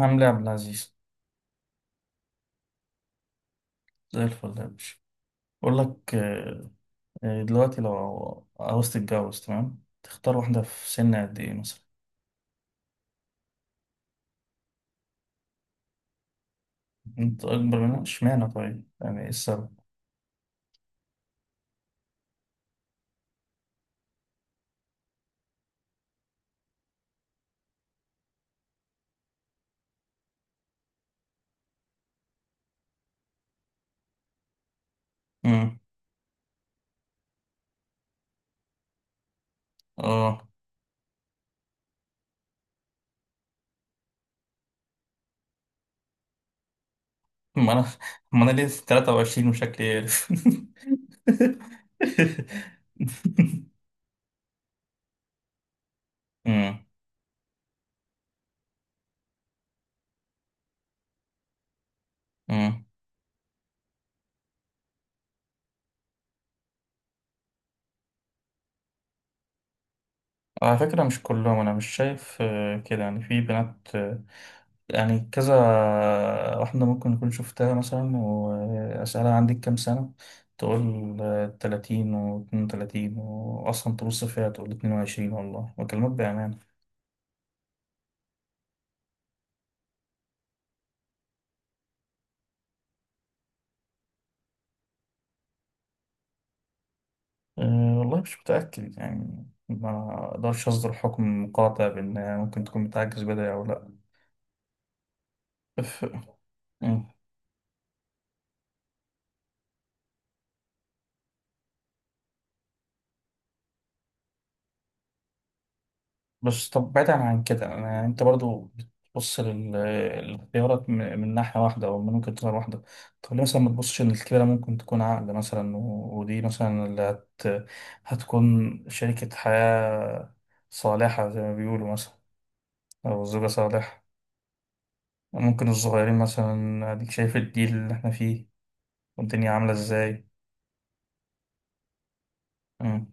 عامل ايه يا عبد العزيز؟ زي الفل يا باشا. بقول لك دلوقتي لو عاوز تتجوز تمام، تختار واحدة في سن قد ايه مثلا؟ انت اكبر منها اشمعنى؟ طيب يعني ايه السبب؟ امم اه ما انا ما انا ليه 23 وشكلي عارف. امم على فكرة مش كلهم. أنا مش شايف كده، يعني في بنات يعني كذا. واحدة ممكن أكون شفتها مثلا وأسألها، عندك كام سنة؟ تقول 30، واتنين وتلاتين، وأصلا تبص فيها تقول 22، والله بكلمك بأمانة. أه والله مش متأكد، يعني ما أقدرش أصدر حكم قاطع بأنها ممكن تكون بتعجز بدري أو لأ. ف... بس طب، بعيدا عن كده، أنا انت برضو بتبص للاختيارات من ناحية واحدة، او من ممكن تكون واحدة. طب ليه مثلا ما تبصش ان الكبيرة ممكن تكون عقل مثلا ودي مثلا هتكون شريكة حياة صالحة زي ما بيقولوا مثلا، او زوجة صالحة. ممكن الصغيرين مثلا اديك شايف الجيل اللي احنا فيه والدنيا عاملة ازاي. مم.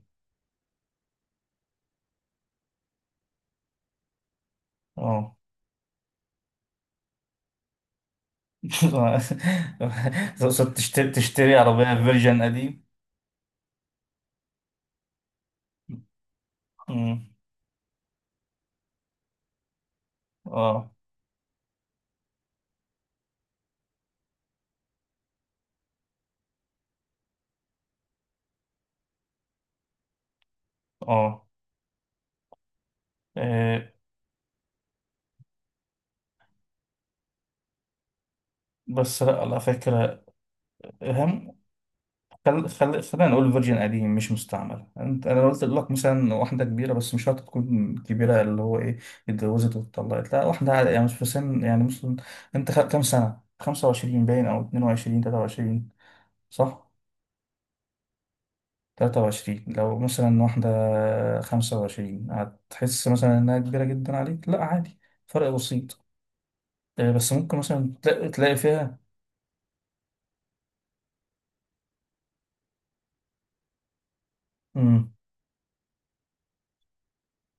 اه. تقصد تشتري عربية فيرجن قديم؟ مم. اه، اه، آه، بس لا، على فكرة. هم. خلينا نقول فيرجن قديم، مش مستعمل. انت انا قلت لك مثلا واحدة كبيرة، بس مش شرط تكون كبيرة. اللي هو ايه، اتجوزت واتطلقت، لا واحدة عادي، يعني مش في سن يعني مثلا. انت كام سنة؟ 25 باين، او 22، 23، صح؟ 23، لو مثلا واحدة 25، هتحس مثلا انها كبيرة جدا عليك؟ لا، عادي، فرق بسيط. بس ممكن مثلا تلاقي فيها.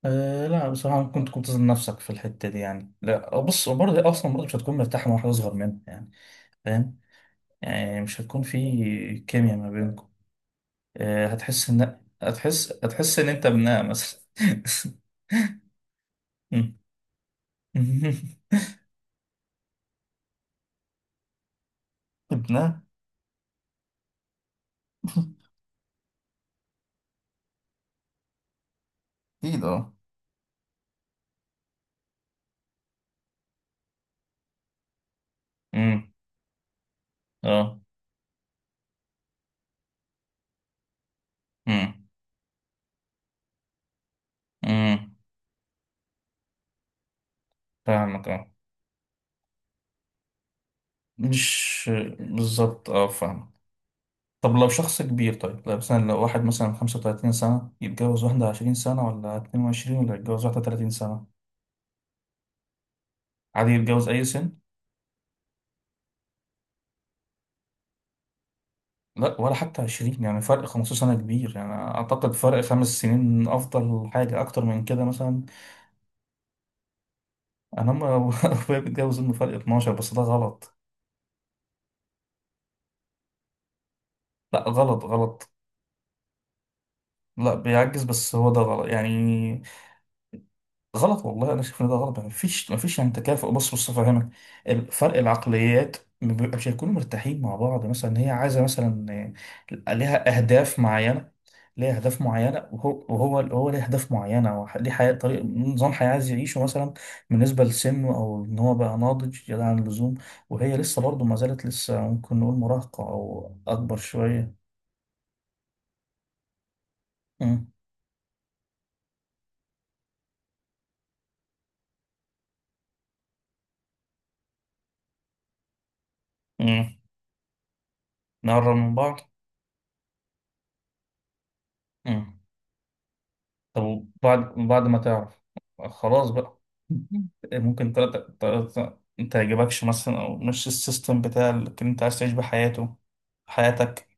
أه لا، بصراحة ممكن تكون تظلم نفسك في الحتة دي يعني. لا بص، برضه أصلا برضه مش هتكون مرتاح مع واحد أصغر منك يعني، فاهم. يعني مش هتكون في كيمياء ما بينكم. أه، هتحس إن أنت ابنها مثلا. ابنها. أكيد، أه. أمم، أه. أمم، أمم، فاهمك، أه. مش بالظبط، أه فاهمك. طب لو شخص كبير، طيب لو مثلا لو واحد مثلا 35 سنة يتجوز واحدة 20 سنة، ولا 22، ولا يتجوز واحدة 30 سنة؟ عادي يتجوز أي سن؟ لا، ولا حتى 20. يعني فرق 15 سنة كبير، يعني أعتقد فرق 5 سنين أفضل حاجة، أكتر من كده مثلا. أنا ما أبويا بيتجوز إنه فرق 12، بس ده غلط. لا، غلط غلط. لا بيعجز، بس هو ده غلط يعني. غلط والله، انا شايف ان ده غلط. ما فيش يعني تكافؤ. بص بص، افهمك. فرق العقليات ما بيبقى- مش هيكونوا مرتاحين مع بعض مثلا. هي عايزه مثلا ليها اهداف معينه. ليها اهداف معينه، وهو وهو هو ليه اهداف معينه، ليه حياه، طريق، نظام حياه عايز يعيشه مثلا، بالنسبه لسنه. او ان هو بقى ناضج زياده عن اللزوم، وهي لسه برضه ما زالت لسه ممكن نقول مراهقه او اكبر شويه. امم امم نقرب من بعض. طب، وبعد ما تعرف خلاص بقى، ممكن تلاتة متعجبكش مثلا، أو مش السيستم بتاع اللي أنت عايز تعيش بحياته، حياتك.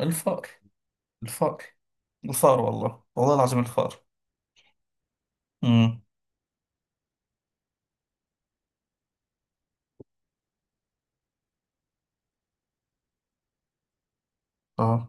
الفقر. الفقر الفقر. والله والله العظيم، الفقر. امم اه،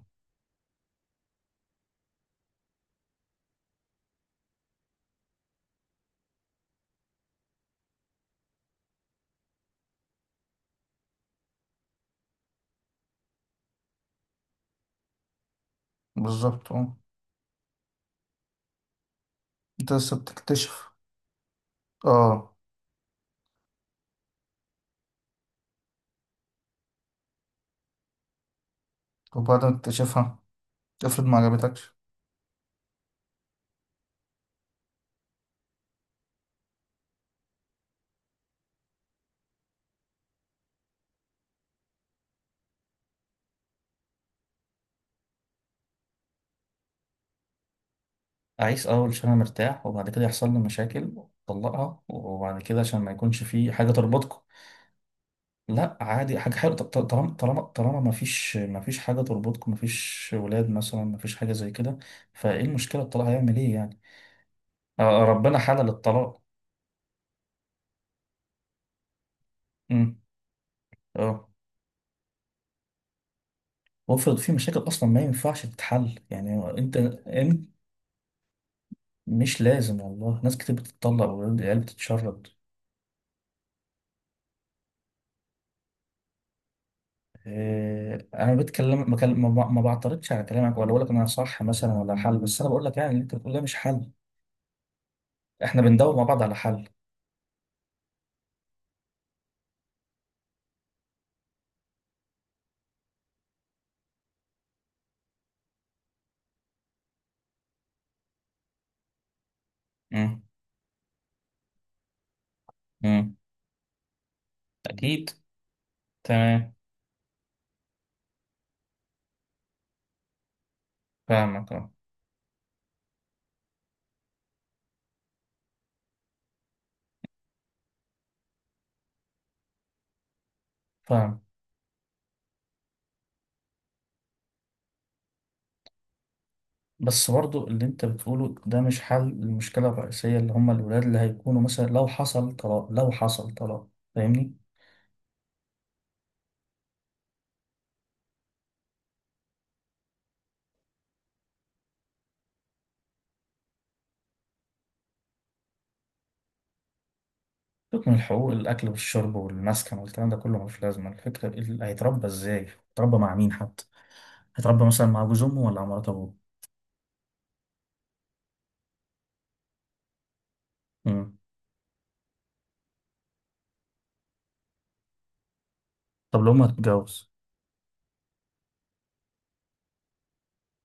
بالظبط اه. أنت لسه بتكتشف. اه، وبعد ما تكتشفها، افرض ما عجبتكش. عايز أول عشان أنا مرتاح، وبعد كده يحصل لي مشاكل؟ طلقها، وبعد كده عشان ما يكونش في حاجة تربطكم. لا عادي، حاجة حلوة، طالما ما فيش حاجة تربطكم، ما فيش ولاد مثلا، ما فيش حاجة زي كده، فايه المشكلة؟ الطلاق هيعمل ايه يعني؟ ربنا حلل الطلاق. امم اه. وافرض في مشاكل اصلا ما ينفعش تتحل، يعني انت مش لازم. والله ناس كتير بتتطلق والعيال بتتشرد. انا بتكلم، ما كان- ما ب- ما بعترضش على كلامك ولا بقول لك ان انا صح مثلا ولا حل، بس انا بقول لك يعني اللي انت بتقول ده مش حل. احنا بندور مع بعض على حل. امم امم اكيد. تمام. فاهمك، اه، فاهم. بس برضو اللي انت بتقوله ده مش حل للمشكلة الرئيسية، اللي هم الولاد اللي هيكونوا مثلا لو حصل طلاق فاهمني؟ تكمل الحقوق، الأكل والشرب والمسكن والكلام ده كله ملوش لازمة. الفكرة، اللي هيتربى ازاي؟ هيتربى مع مين حتى؟ هيتربى مثلا مع جوز أمه ولا مع مرات أبوه؟ مم. طب لو أمه هتتجوز؟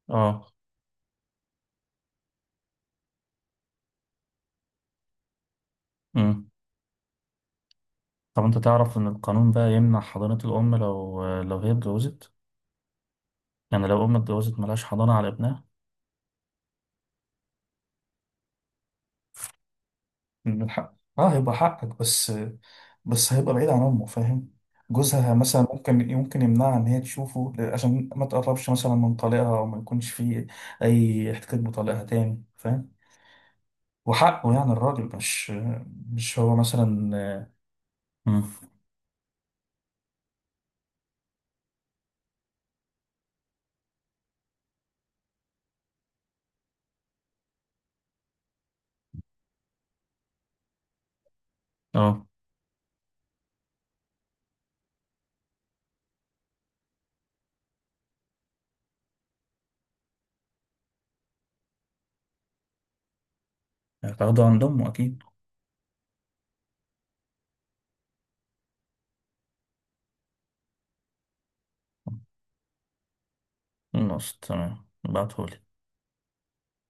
اه. مم. طب انت تعرف ان القانون بقى يمنع حضانة الأم لو هي اتجوزت؟ يعني لو أم اتجوزت ملهاش حضانة على ابنها. من حق، اه، هيبقى حقك بس. بس هيبقى بعيد عن امه، فاهم. جوزها مثلا ممكن يمنعها ان هي تشوفه عشان ما تقربش مثلا من طليقها، وما يكونش فيه اي احتكاك بطليقها تاني، فاهم. وحقه، يعني الراجل مش مش هو مثلا. مم. اه، هتاخده عند امه اكيد. خلاص تمام، ابعتهولي.